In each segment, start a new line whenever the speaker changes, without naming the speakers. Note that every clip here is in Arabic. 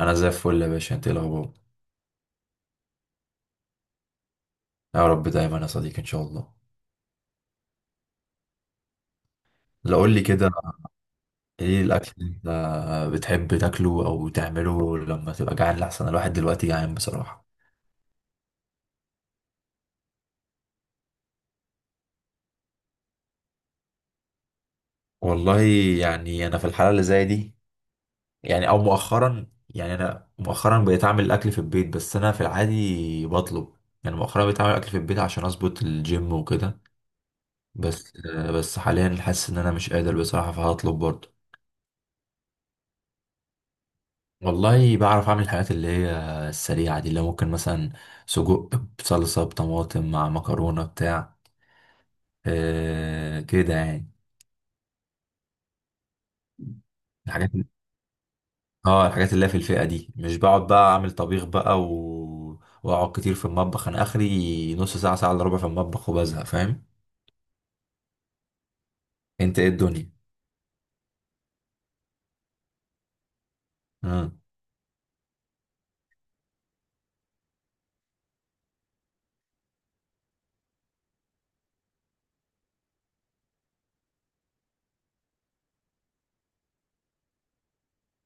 انا زي الفل يا باشا. انت إيه الاخبار؟ يا رب دايما يا صديقي ان شاء الله. لا قول لي كده. ايه الاكل اللي انت بتحب تاكله او تعمله لما تبقى جعان؟ لحسن الواحد دلوقتي جعان بصراحه. والله، يعني انا في الحاله اللي زي دي، يعني او مؤخرا، يعني انا مؤخرا بقيت اعمل الاكل في البيت بس انا في العادي بطلب. يعني مؤخرا بقيت اعمل اكل في البيت عشان اظبط الجيم وكده. بس حاليا حاسس ان انا مش قادر بصراحه، فهطلب برضه. والله بعرف اعمل الحاجات اللي هي السريعه دي، اللي ممكن مثلا سجق بصلصه بطماطم مع مكرونه بتاع. آه كده يعني. الحاجات، اه الحاجات اللي هي في الفئه دي. مش بقعد بقى اعمل طبيخ بقى واقعد كتير في المطبخ. انا اخري نص ساعه، ساعه الا ربع في المطبخ وبزهق، فاهم؟ انت ايه الدنيا؟ مم.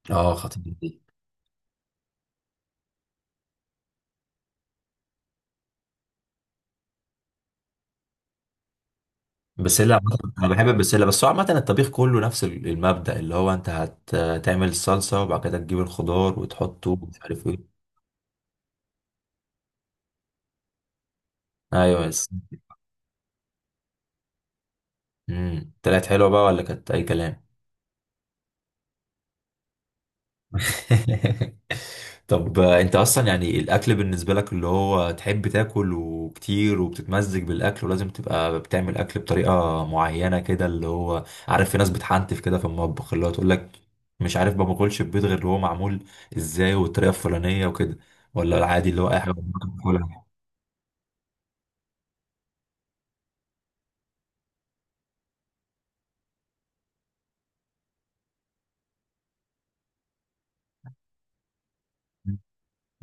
اه خطير دي. انا بحب البسله، بس هو عامه الطبيخ كله نفس المبدأ، اللي هو انت هتعمل الصلصه وبعد كده تجيب الخضار وتحطه ومش عارف ايه. ايوه. امم، طلعت حلوه بقى ولا كانت اي كلام؟ طب انت اصلا يعني الاكل بالنسبه لك اللي هو تحب تاكل وكتير وبتتمزج بالاكل ولازم تبقى بتعمل اكل بطريقه معينه كده، اللي هو عارف في ناس بتحنتف كده في المطبخ، اللي هو تقول لك مش عارف ما باكلش البيض غير اللي هو معمول ازاي والطريقه الفلانيه وكده، ولا العادي اللي هو اي حاجه ممكن تاكلها؟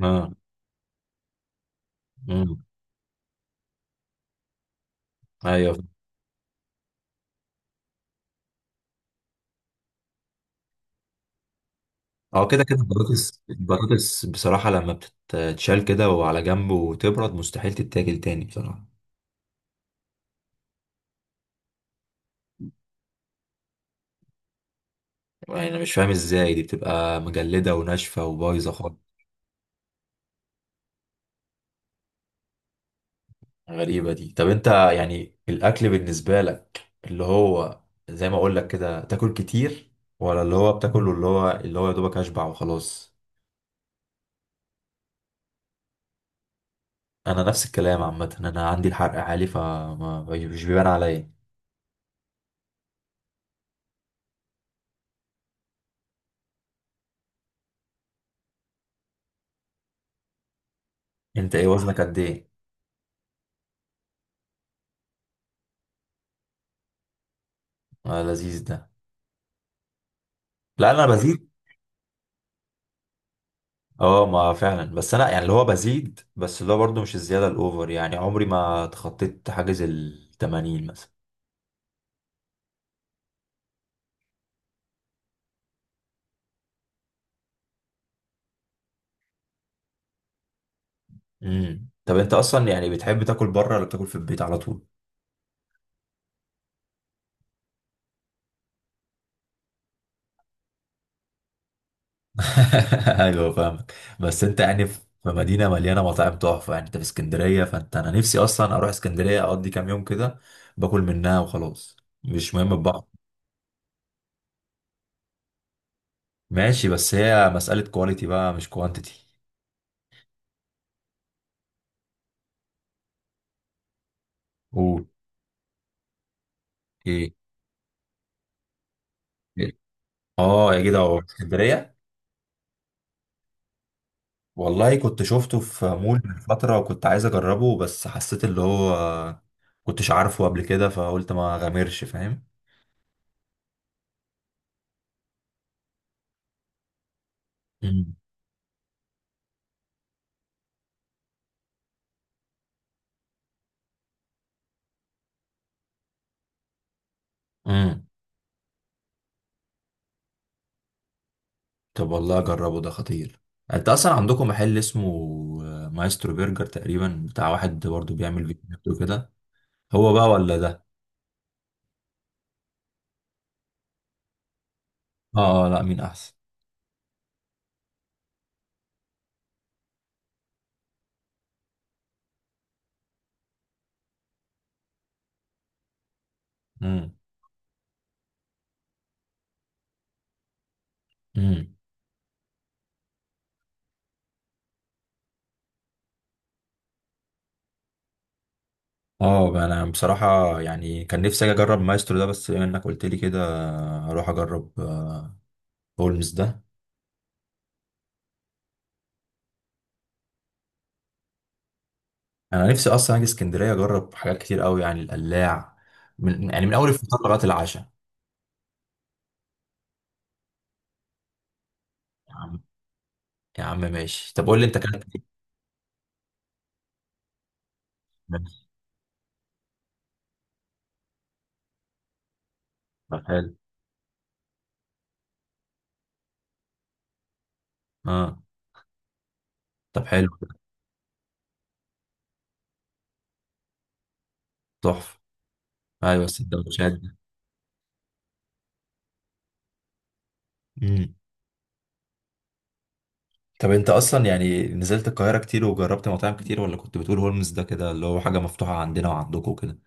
اه. امم. ايوه. اه كده كده، البطاطس البطاطس بصراحة لما بتتشال كده وعلى جنب وتبرد مستحيل تتاكل تاني بصراحة. يعني انا مش فاهم ازاي دي بتبقى مجلدة وناشفة وبايظة خالص. غريبة دي. طب انت يعني الاكل بالنسبة لك اللي هو زي ما اقول لك كده تاكل كتير، ولا اللي هو بتاكله اللي هو يا دوبك اشبع وخلاص؟ انا نفس الكلام عامة، انا عندي الحرق عالي فمش بيبان عليا. انت ايه وزنك قد ايه؟ آه لذيذ ده. لا انا بزيد. اه ما فعلا، بس انا يعني اللي هو بزيد، بس اللي هو برضه مش الزياده الاوفر. يعني عمري ما تخطيت حاجز ال 80 مثلا. امم، طب انت اصلا يعني بتحب تاكل بره ولا بتاكل في البيت على طول؟ ايوه فاهمك. بس انت يعني في مدينه مليانه مطاعم تحفه، يعني انت في اسكندريه. فانت، انا نفسي اصلا اروح اسكندريه اقضي كام يوم كده، باكل منها وخلاص. مش مهم بقى. ماشي، بس هي مساله كواليتي بقى مش كوانتيتي. قول. ايه. إيه؟ اه يا جدع، هو اسكندريه. والله كنت شفته في مول من فترة وكنت عايز أجربه، بس حسيت اللي هو كنتش عارفه قبل كده، فقلت ما غامرش، فاهم؟ امم. امم. طب والله أجربه، ده خطير. أنت أصلا عندكم محل اسمه مايسترو برجر تقريبا، بتاع واحد برضه بيعمل فيديوهات وكده. هو بقى ولا ده؟ آه آه، لا مين أحسن. امم. امم. اه بقى انا بصراحة يعني كان نفسي اجي اجرب مايسترو ده، بس بما انك قلت لي كده هروح اجرب هولمز ده. انا نفسي اصلا اجي اسكندريه اجرب حاجات كتير قوي، يعني القلاع، من يعني من اول الفطار لغايه العشاء. يا عم. يا عم ماشي، طب قول لي انت اكلت ايه. ماشي. طب حلو. اه. طب حلو كده. تحفه. ايوه السندوتشات دي. امم، طب انت اصلا يعني نزلت القاهره كتير وجربت مطاعم كتير، ولا كنت بتقول هولمز ده كده اللي هو حاجه مفتوحه عندنا وعندكم كده؟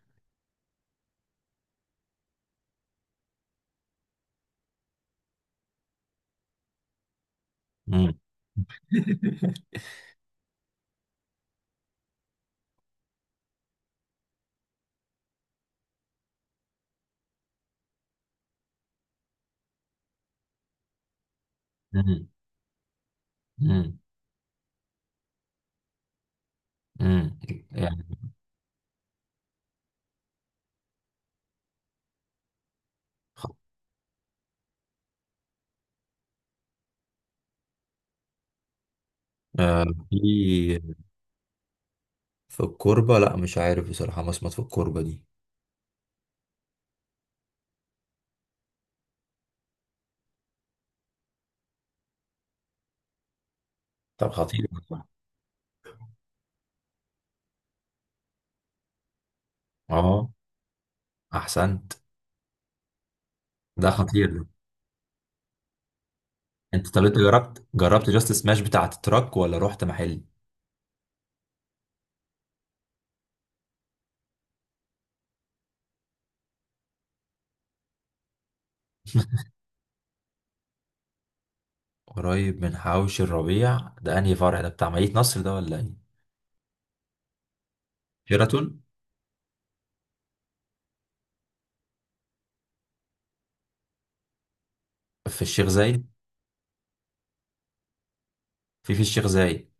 امم. امم. امم. امم. يعني آه في في الكوربه، لا مش عارف بصراحه مصمت في الكوربه دي. طب خطير والله. اه. احسنت. ده خطير ده. انت، طب انت جربت جاست سماش بتاعة التراك ولا رحت محل؟ قريب من حوش الربيع ده، انهي فرع ده؟ بتاع مدينة نصر ده ولا ايه؟ شيراتون؟ في الشيخ زايد؟ في الشيخ زايد؟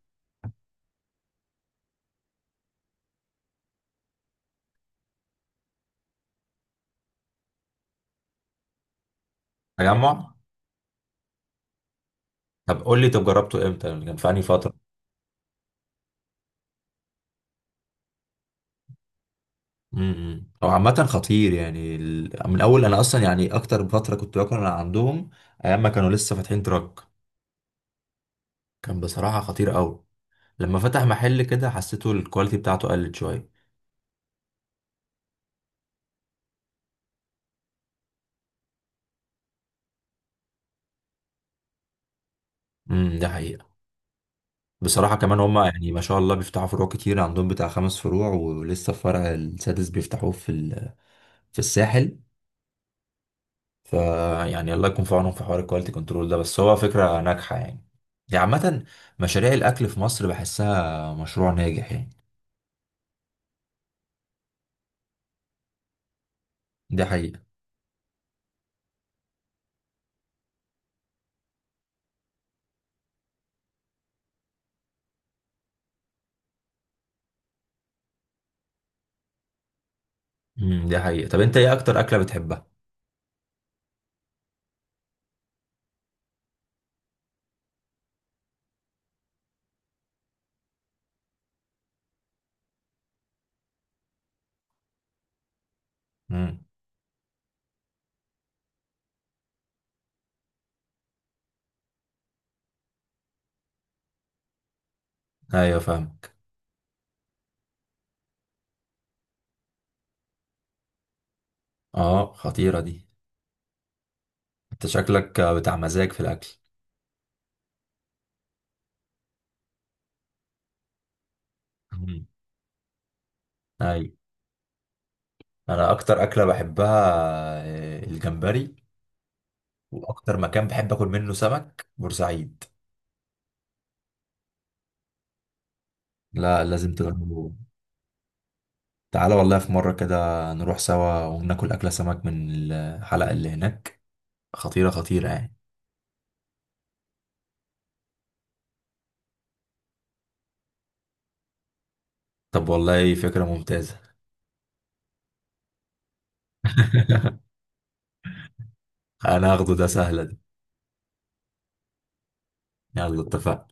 تجمع؟ طب قول لي، طب جربته امتى يعني، كان في انهي فترة؟ امم. هو عامة خطير، يعني من اول، انا اصلا يعني اكتر فترة كنت باكل انا عندهم ايام ما كانوا لسه فاتحين تراك. كان بصراحة خطير قوي، لما فتح محل كده حسيته الكواليتي بتاعته قلت شوية. امم. ده حقيقة. بصراحة كمان هما يعني ما شاء الله بيفتحوا فروع كتير عندهم، بتاع خمس فروع ولسه الفرع السادس بيفتحوه في في الساحل. فيعني الله يكون في عونهم في حوار الكواليتي كنترول ده، بس هو فكرة ناجحة يعني دي عامة. مشاريع الأكل في مصر بحسها مشروع ناجح يعني. دي حقيقة. امم، دي حقيقة. طب أنت إيه أكتر أكلة بتحبها؟ امم. أيوة فاهمك. أه خطيرة دي. أنت شكلك بتاع مزاج في الأكل. امم. أيوة. أنا أكتر أكلة بحبها الجمبري. واكتر مكان بحب اكل منه سمك بورسعيد. لا لازم تجربوا. تعالى والله في مرة كده نروح سوا وناكل أكلة سمك من الحلقة اللي هناك، خطيرة خطيرة يعني. طب والله فكرة ممتازة. أنا هاخده، ده سهلة دي. يلا اتفقنا.